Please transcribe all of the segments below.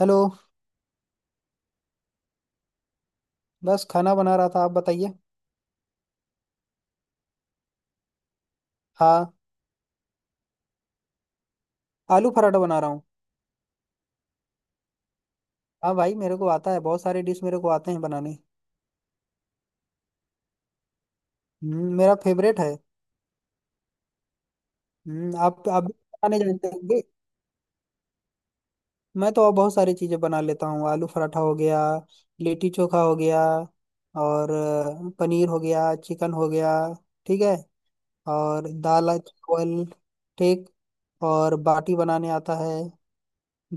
Hello. बस खाना बना रहा था, आप बताइए। हाँ, आलू पराठा बना रहा हूँ। हाँ भाई, मेरे को आता है। बहुत सारे डिश मेरे को आते हैं बनाने। मेरा फेवरेट है। आप भी बनाने जानते होंगे। मैं तो और बहुत सारी चीज़ें बना लेता हूँ। आलू पराठा हो गया, लिट्टी चोखा हो गया, और पनीर हो गया, चिकन हो गया। ठीक है। और दाल चावल। ठीक। और बाटी बनाने आता है।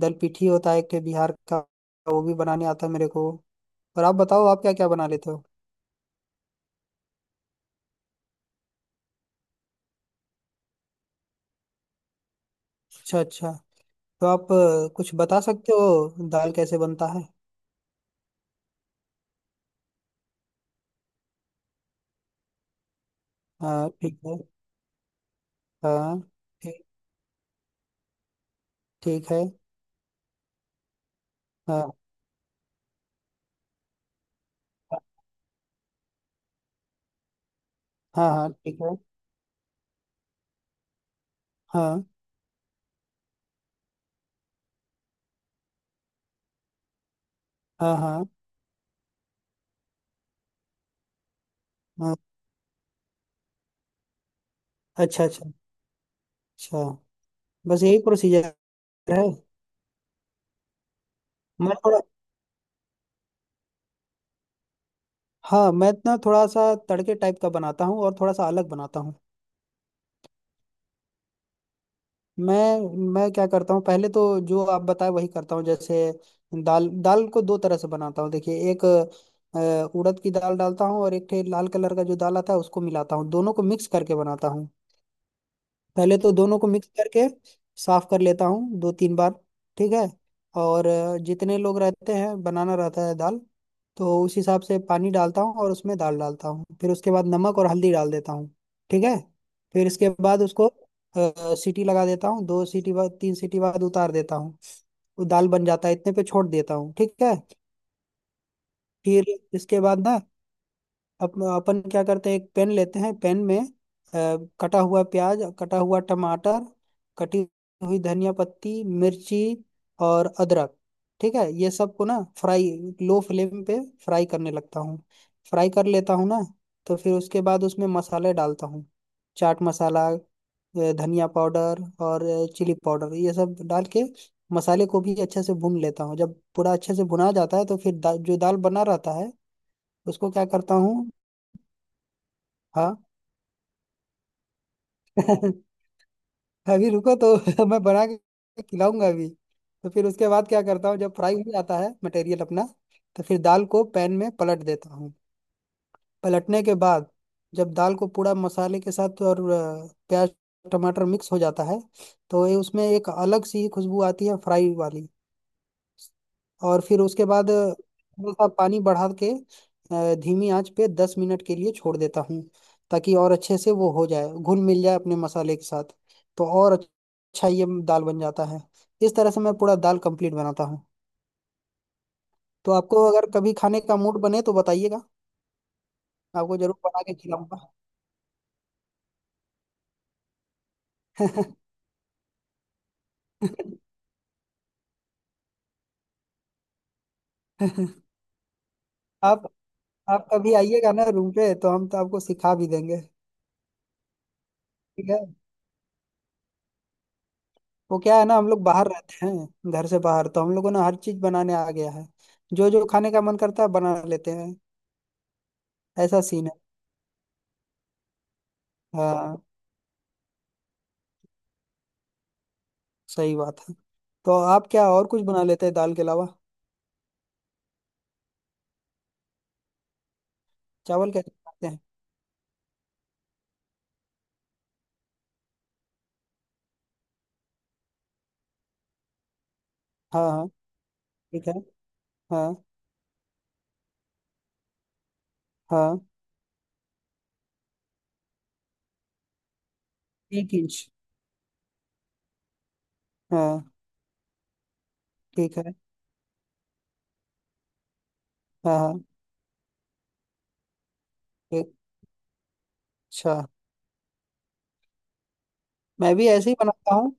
दल पिठी होता है एक ठे बिहार का, वो भी बनाने आता है मेरे को। और आप बताओ, आप क्या क्या बना लेते हो? अच्छा अच्छा। तो आप कुछ बता सकते हो दाल कैसे बनता है? हाँ ठीक है। हाँ। ठीक। ठीक है। हाँ हाँ। हाँ ठीक है। हाँ हाँ। हाँ हाँ। अच्छा अच्छा। अच्छा। बस यही प्रोसीजर है। मैं थोड़ा। हाँ, मैं ना थोड़ा सा तड़के टाइप का बनाता हूँ और थोड़ा सा अलग बनाता हूँ। मैं। मैं क्या करता हूँ, पहले तो जो आप बताए वही करता हूँ। जैसे दाल दाल को दो तरह से बनाता हूँ। देखिए, एक उड़द की दाल डालता हूँ और एक ठे लाल कलर का जो दाल आता है उसको मिलाता हूँ, दोनों को मिक्स करके बनाता हूँ। पहले तो दोनों को मिक्स करके साफ कर लेता हूँ, दो तीन बार। ठीक है। और जितने लोग रहते हैं बनाना रहता है दाल, तो उस हिसाब से पानी डालता हूँ और उसमें दाल डालता हूँ। फिर उसके बाद नमक और हल्दी डाल देता हूँ। ठीक है। फिर इसके बाद उसको सीटी लगा देता हूँ। दो सीटी बाद, तीन सीटी बाद उतार देता हूँ। वो दाल बन जाता है, इतने पे छोड़ देता हूँ। ठीक है। फिर इसके बाद ना, अब अपन क्या करते हैं, एक पेन लेते हैं। पेन में कटा हुआ प्याज, कटा हुआ टमाटर, कटी हुई धनिया पत्ती, मिर्ची और अदरक। ठीक है, ये सब को ना फ्राई, लो फ्लेम पे फ्राई करने लगता हूँ। फ्राई कर लेता हूँ ना, तो फिर उसके बाद उसमें मसाले डालता हूँ। चाट मसाला, धनिया पाउडर और चिली पाउडर, ये सब डाल के मसाले को भी अच्छे से भून लेता हूँ। जब पूरा अच्छे से भुना जाता है तो फिर जो दाल बना रहता है उसको क्या करता हूँ। हाँ। अभी रुको तो मैं बना के खिलाऊंगा अभी। तो फिर उसके बाद क्या करता हूँ, जब फ्राई हो जाता है मटेरियल अपना, तो फिर दाल को पैन में पलट देता हूँ। पलटने के बाद जब दाल को पूरा मसाले के साथ और प्याज टमाटर मिक्स हो जाता है, तो ये उसमें एक अलग सी खुशबू आती है फ्राई वाली। और फिर उसके बाद थोड़ा सा पानी बढ़ा के धीमी आंच पे 10 मिनट के लिए छोड़ देता हूँ, ताकि और अच्छे से वो हो जाए, घुल मिल जाए अपने मसाले के साथ। तो और अच्छा ये दाल बन जाता है। इस तरह से मैं पूरा दाल कंप्लीट बनाता हूँ। तो आपको अगर कभी खाने का मूड बने तो बताइएगा, आपको जरूर बना के खिलाऊंगा। आप। आप कभी आइएगा ना रूम पे, तो हम तो आपको सिखा भी देंगे। ठीक है, वो क्या है ना, हम लोग बाहर रहते हैं घर से बाहर, तो हम लोगों ने हर चीज बनाने आ गया है। जो जो खाने का मन करता है बना लेते हैं, ऐसा सीन है। हाँ सही बात है। तो आप क्या और कुछ बना लेते हैं दाल के अलावा? चावल कैसे बनाते हैं? हाँ हाँ ठीक है। हाँ हाँ। 1 इंच। हाँ। ठीक है। हाँ हाँ। एक। अच्छा, मैं भी ऐसे ही बनाता हूँ,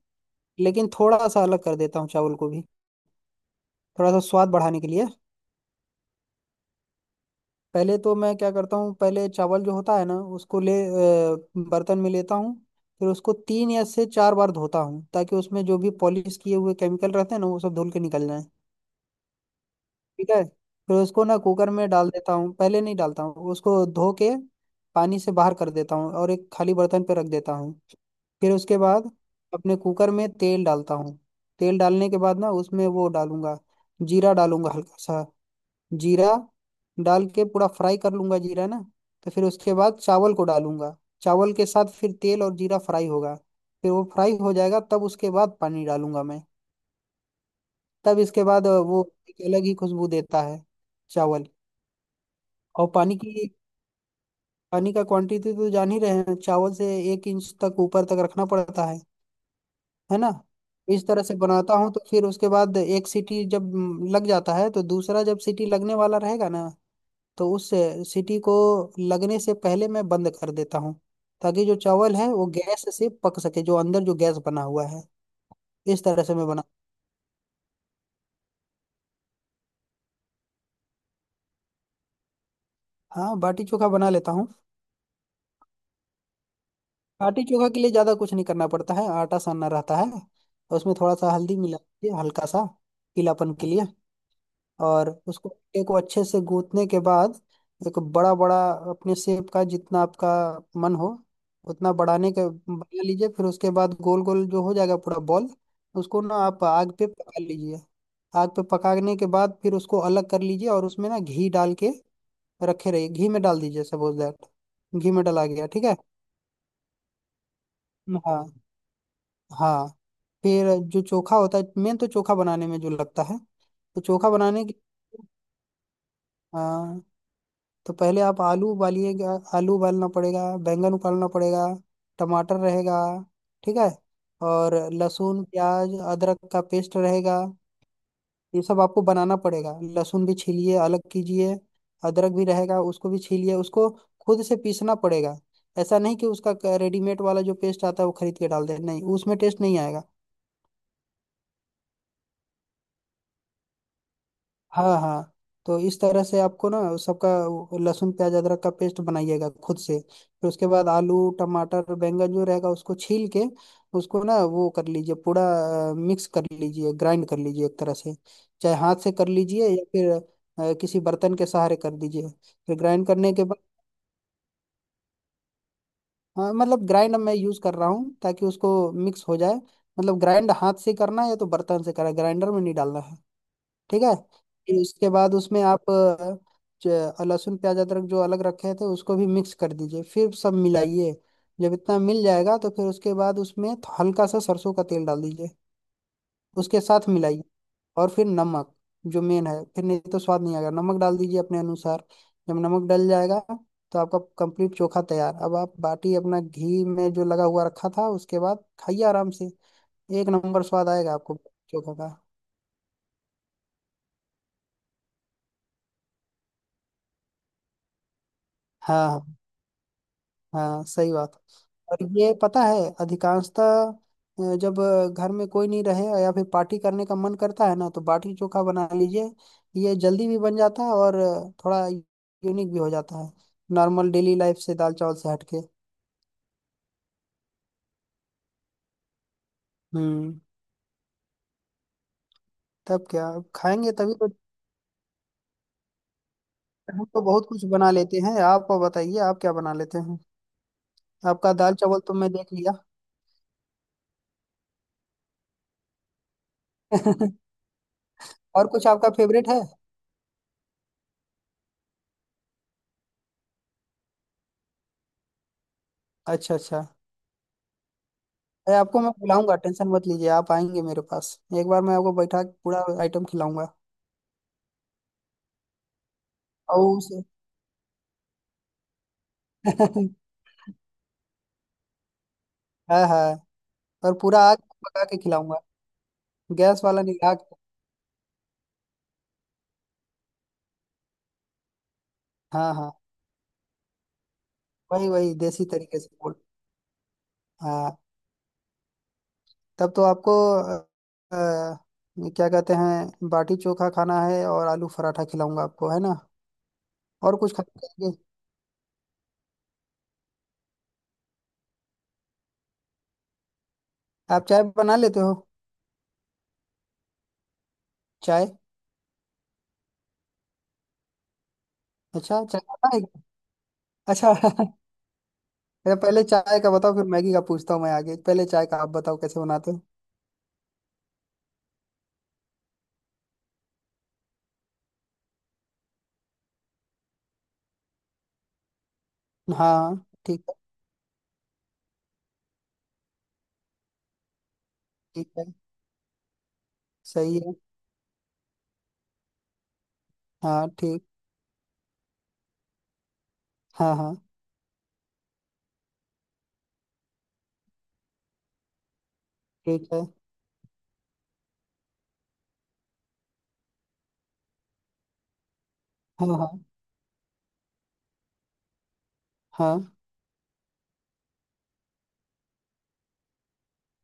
लेकिन थोड़ा सा अलग कर देता हूँ चावल को भी, थोड़ा सा स्वाद बढ़ाने के लिए। पहले तो मैं क्या करता हूँ, पहले चावल जो होता है ना उसको ले बर्तन में लेता हूँ। फिर उसको तीन या से चार बार धोता हूँ, ताकि उसमें जो भी पॉलिश किए हुए केमिकल रहते हैं ना वो सब धुल के निकल जाए। ठीक है। फिर उसको ना कुकर में डाल देता हूँ, पहले नहीं डालता हूँ उसको, धो के पानी से बाहर कर देता हूँ और एक खाली बर्तन पे रख देता हूँ। फिर उसके बाद अपने कुकर में तेल डालता हूँ। तेल डालने के बाद ना उसमें वो डालूंगा, जीरा डालूंगा हल्का सा। जीरा डाल के पूरा फ्राई कर लूंगा जीरा ना, तो फिर उसके बाद चावल को डालूंगा। चावल के साथ फिर तेल और जीरा फ्राई होगा। फिर वो फ्राई हो जाएगा तब उसके बाद पानी डालूंगा मैं। तब इसके बाद वो एक अलग ही खुशबू देता है चावल। और पानी की, पानी का क्वांटिटी तो जान ही रहे हैं चावल से 1 इंच तक ऊपर तक रखना पड़ता है। है ना? इस तरह से बनाता हूँ। तो फिर उसके बाद एक सीटी जब लग जाता है तो दूसरा जब सीटी लगने वाला रहेगा ना, तो उस सीटी को लगने से पहले मैं बंद कर देता हूँ, ताकि जो चावल है वो गैस से पक सके, जो अंदर जो गैस बना हुआ है। इस तरह से मैं बना। हाँ, बाटी चोखा बना लेता हूँ। बाटी चोखा के लिए ज़्यादा कुछ नहीं करना पड़ता है। आटा सानना रहता है और उसमें थोड़ा सा हल्दी मिला के, हल्का सा पीलापन के लिए। और उसको अंडे को अच्छे से गूंथने के बाद एक बड़ा बड़ा अपने शेप का, जितना आपका मन हो उतना बढ़ाने के बना लीजिए। फिर उसके बाद गोल गोल जो हो जाएगा पूरा बॉल, उसको ना आप आग पे पका लीजिए। आग पे पकाने के बाद फिर उसको अलग कर लीजिए और उसमें ना घी डाल के रखे रहिए। घी में डाल दीजिए, सपोज दैट घी में डाला गया, ठीक है। हाँ हाँ। फिर जो चोखा होता है, मेन तो चोखा बनाने में जो लगता है। तो चोखा बनाने, हाँ, तो पहले आप आलू उबालिएगा। आलू उबालना पड़ेगा, बैंगन उबालना पड़ेगा, टमाटर रहेगा। ठीक है। और लहसुन प्याज अदरक का पेस्ट रहेगा। ये सब आपको बनाना पड़ेगा। लहसुन भी छीलिए अलग कीजिए, अदरक भी रहेगा उसको भी छीलिए, उसको खुद से पीसना पड़ेगा। ऐसा नहीं कि उसका रेडीमेड वाला जो पेस्ट आता है वो खरीद के डाल दे, नहीं, उसमें टेस्ट नहीं आएगा। हाँ हाँ। तो इस तरह से आपको ना उस सबका वो लहसुन प्याज अदरक का पेस्ट बनाइएगा खुद से। फिर उसके बाद आलू टमाटर बैंगन जो रहेगा उसको छील के उसको ना वो कर लीजिए, पूरा मिक्स कर लीजिए, ग्राइंड कर लीजिए एक तरह से। चाहे हाथ से कर लीजिए या फिर किसी बर्तन के सहारे कर दीजिए। फिर ग्राइंड करने के बाद, हाँ, मतलब ग्राइंड मैं यूज़ कर रहा हूँ ताकि उसको मिक्स हो जाए, मतलब ग्राइंड हाथ से करना है या तो बर्तन से करना है, ग्राइंडर में नहीं डालना है। ठीक है। फिर उसके बाद उसमें आप लहसुन प्याज अदरक जो अलग रखे थे उसको भी मिक्स कर दीजिए, फिर सब मिलाइए। जब इतना मिल जाएगा तो फिर उसके बाद उसमें हल्का सा सरसों का तेल डाल दीजिए, उसके साथ मिलाइए। और फिर नमक, जो मेन है, फिर नहीं तो स्वाद नहीं आएगा। नमक डाल दीजिए अपने अनुसार। जब नमक डल जाएगा तो आपका कंप्लीट चोखा तैयार। अब आप बाटी अपना घी में जो लगा हुआ रखा था उसके बाद खाइए आराम से। एक नंबर स्वाद आएगा आपको चोखा का। हाँ हाँ। हाँ सही बात। और ये पता है, अधिकांशतः जब घर में कोई नहीं रहे या फिर पार्टी करने का मन करता है ना, तो बाटी चोखा बना लीजिए। ये जल्दी भी बन जाता है और थोड़ा यूनिक भी हो जाता है, नॉर्मल डेली लाइफ से, दाल चावल से हटके। हम्म। तब क्या, अब खाएंगे तभी तो। हम तो बहुत कुछ बना लेते हैं, आप बताइए आप क्या बना लेते हैं। आपका दाल चावल तो मैं देख लिया। और कुछ आपका फेवरेट है? अच्छा अच्छा। अरे, आपको मैं खिलाऊंगा, टेंशन मत लीजिए। आप आएंगे मेरे पास, एक बार मैं आपको बैठा के पूरा आइटम खिलाऊंगा। और उसे हाँ हाँ। और पूरा आग पे पका के खिलाऊंगा, गैस वाला नहीं, आग पे। हाँ हाँ। वही वही देसी तरीके से बोल। हाँ। तब तो आपको अ, क्या कहते हैं, बाटी चोखा खाना है, और आलू पराठा खिलाऊंगा आपको, है ना? और कुछ खाएंगे? आप चाय बना लेते हो? चाय। अच्छा, चाय बना है क्या? अच्छा। अरे पहले चाय का बताओ, फिर मैगी का पूछता हूँ मैं आगे। पहले चाय का आप बताओ, कैसे बनाते हो? हाँ ठीक है। ठीक है। सही है। हाँ ठीक। हाँ हाँ। ठीक है। हाँ हाँ। हाँ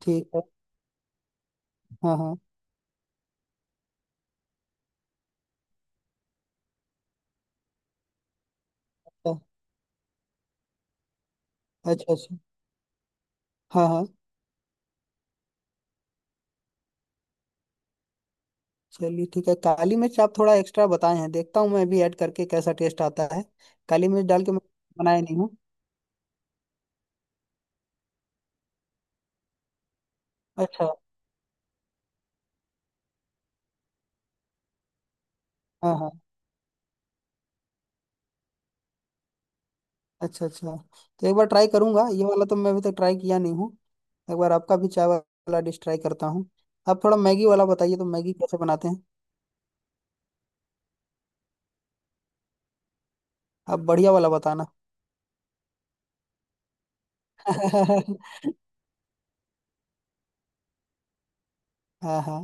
ठीक है। हाँ हाँ। अ- अच्छा अच्छा। हाँ हाँ। चलिए ठीक है, काली मिर्च आप थोड़ा एक्स्ट्रा बताए हैं, देखता हूँ मैं भी ऐड करके कैसा टेस्ट आता है। काली मिर्च डाल के मैं बनाया नहीं हूँ। अच्छा। हाँ हाँ। अच्छा अच्छा, तो एक बार ट्राई करूंगा, ये वाला तो मैं अभी तक ट्राई किया नहीं हूँ। एक बार आपका भी चाय वाला डिश ट्राई करता हूँ। आप थोड़ा मैगी वाला बताइए, तो मैगी कैसे बनाते हैं? आप बढ़िया वाला बताना। हाँ हाँ।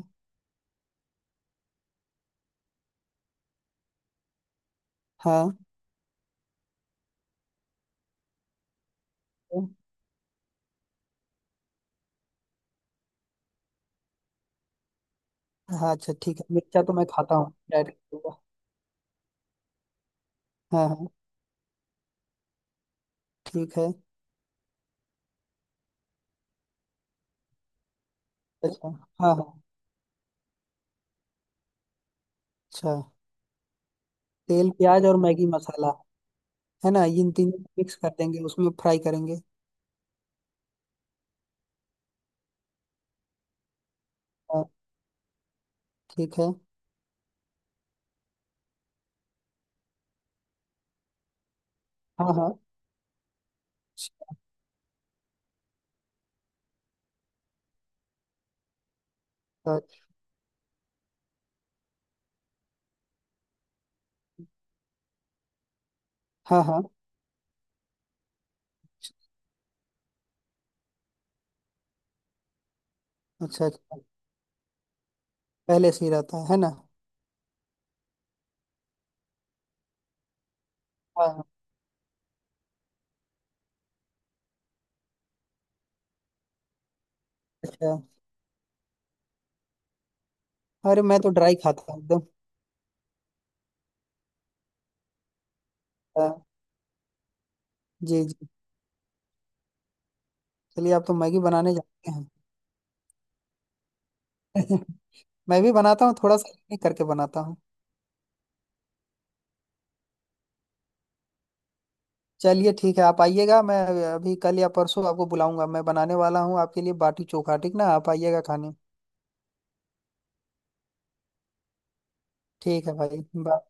हाँ हाँ। अच्छा ठीक है, मिर्चा तो मैं खाता हूँ डायरेक्ट। हाँ हाँ। ठीक है। अच्छा। हाँ हाँ। अच्छा, तेल प्याज और मैगी मसाला, है ना इन तीन मिक्स कर देंगे, उसमें फ्राई करेंगे। हाँ ठीक है। हाँ हाँ। अच्छा, हाँ हाँ। अच्छा अच्छा, पहले से ही रहता है ना। हाँ हाँ, अच्छा। अरे मैं तो ड्राई खाता हूँ एकदम। हाँ, जी जी। चलिए, आप तो मैगी बनाने जाते हैं। मैं भी बनाता हूँ, थोड़ा सा करके बनाता हूँ। चलिए ठीक है, आप आइएगा। मैं अभी कल या परसों आपको बुलाऊंगा, मैं बनाने वाला हूँ आपके लिए बाटी चोखा, ठीक ना, आप आइएगा खाने। ठीक है भाई, बाय।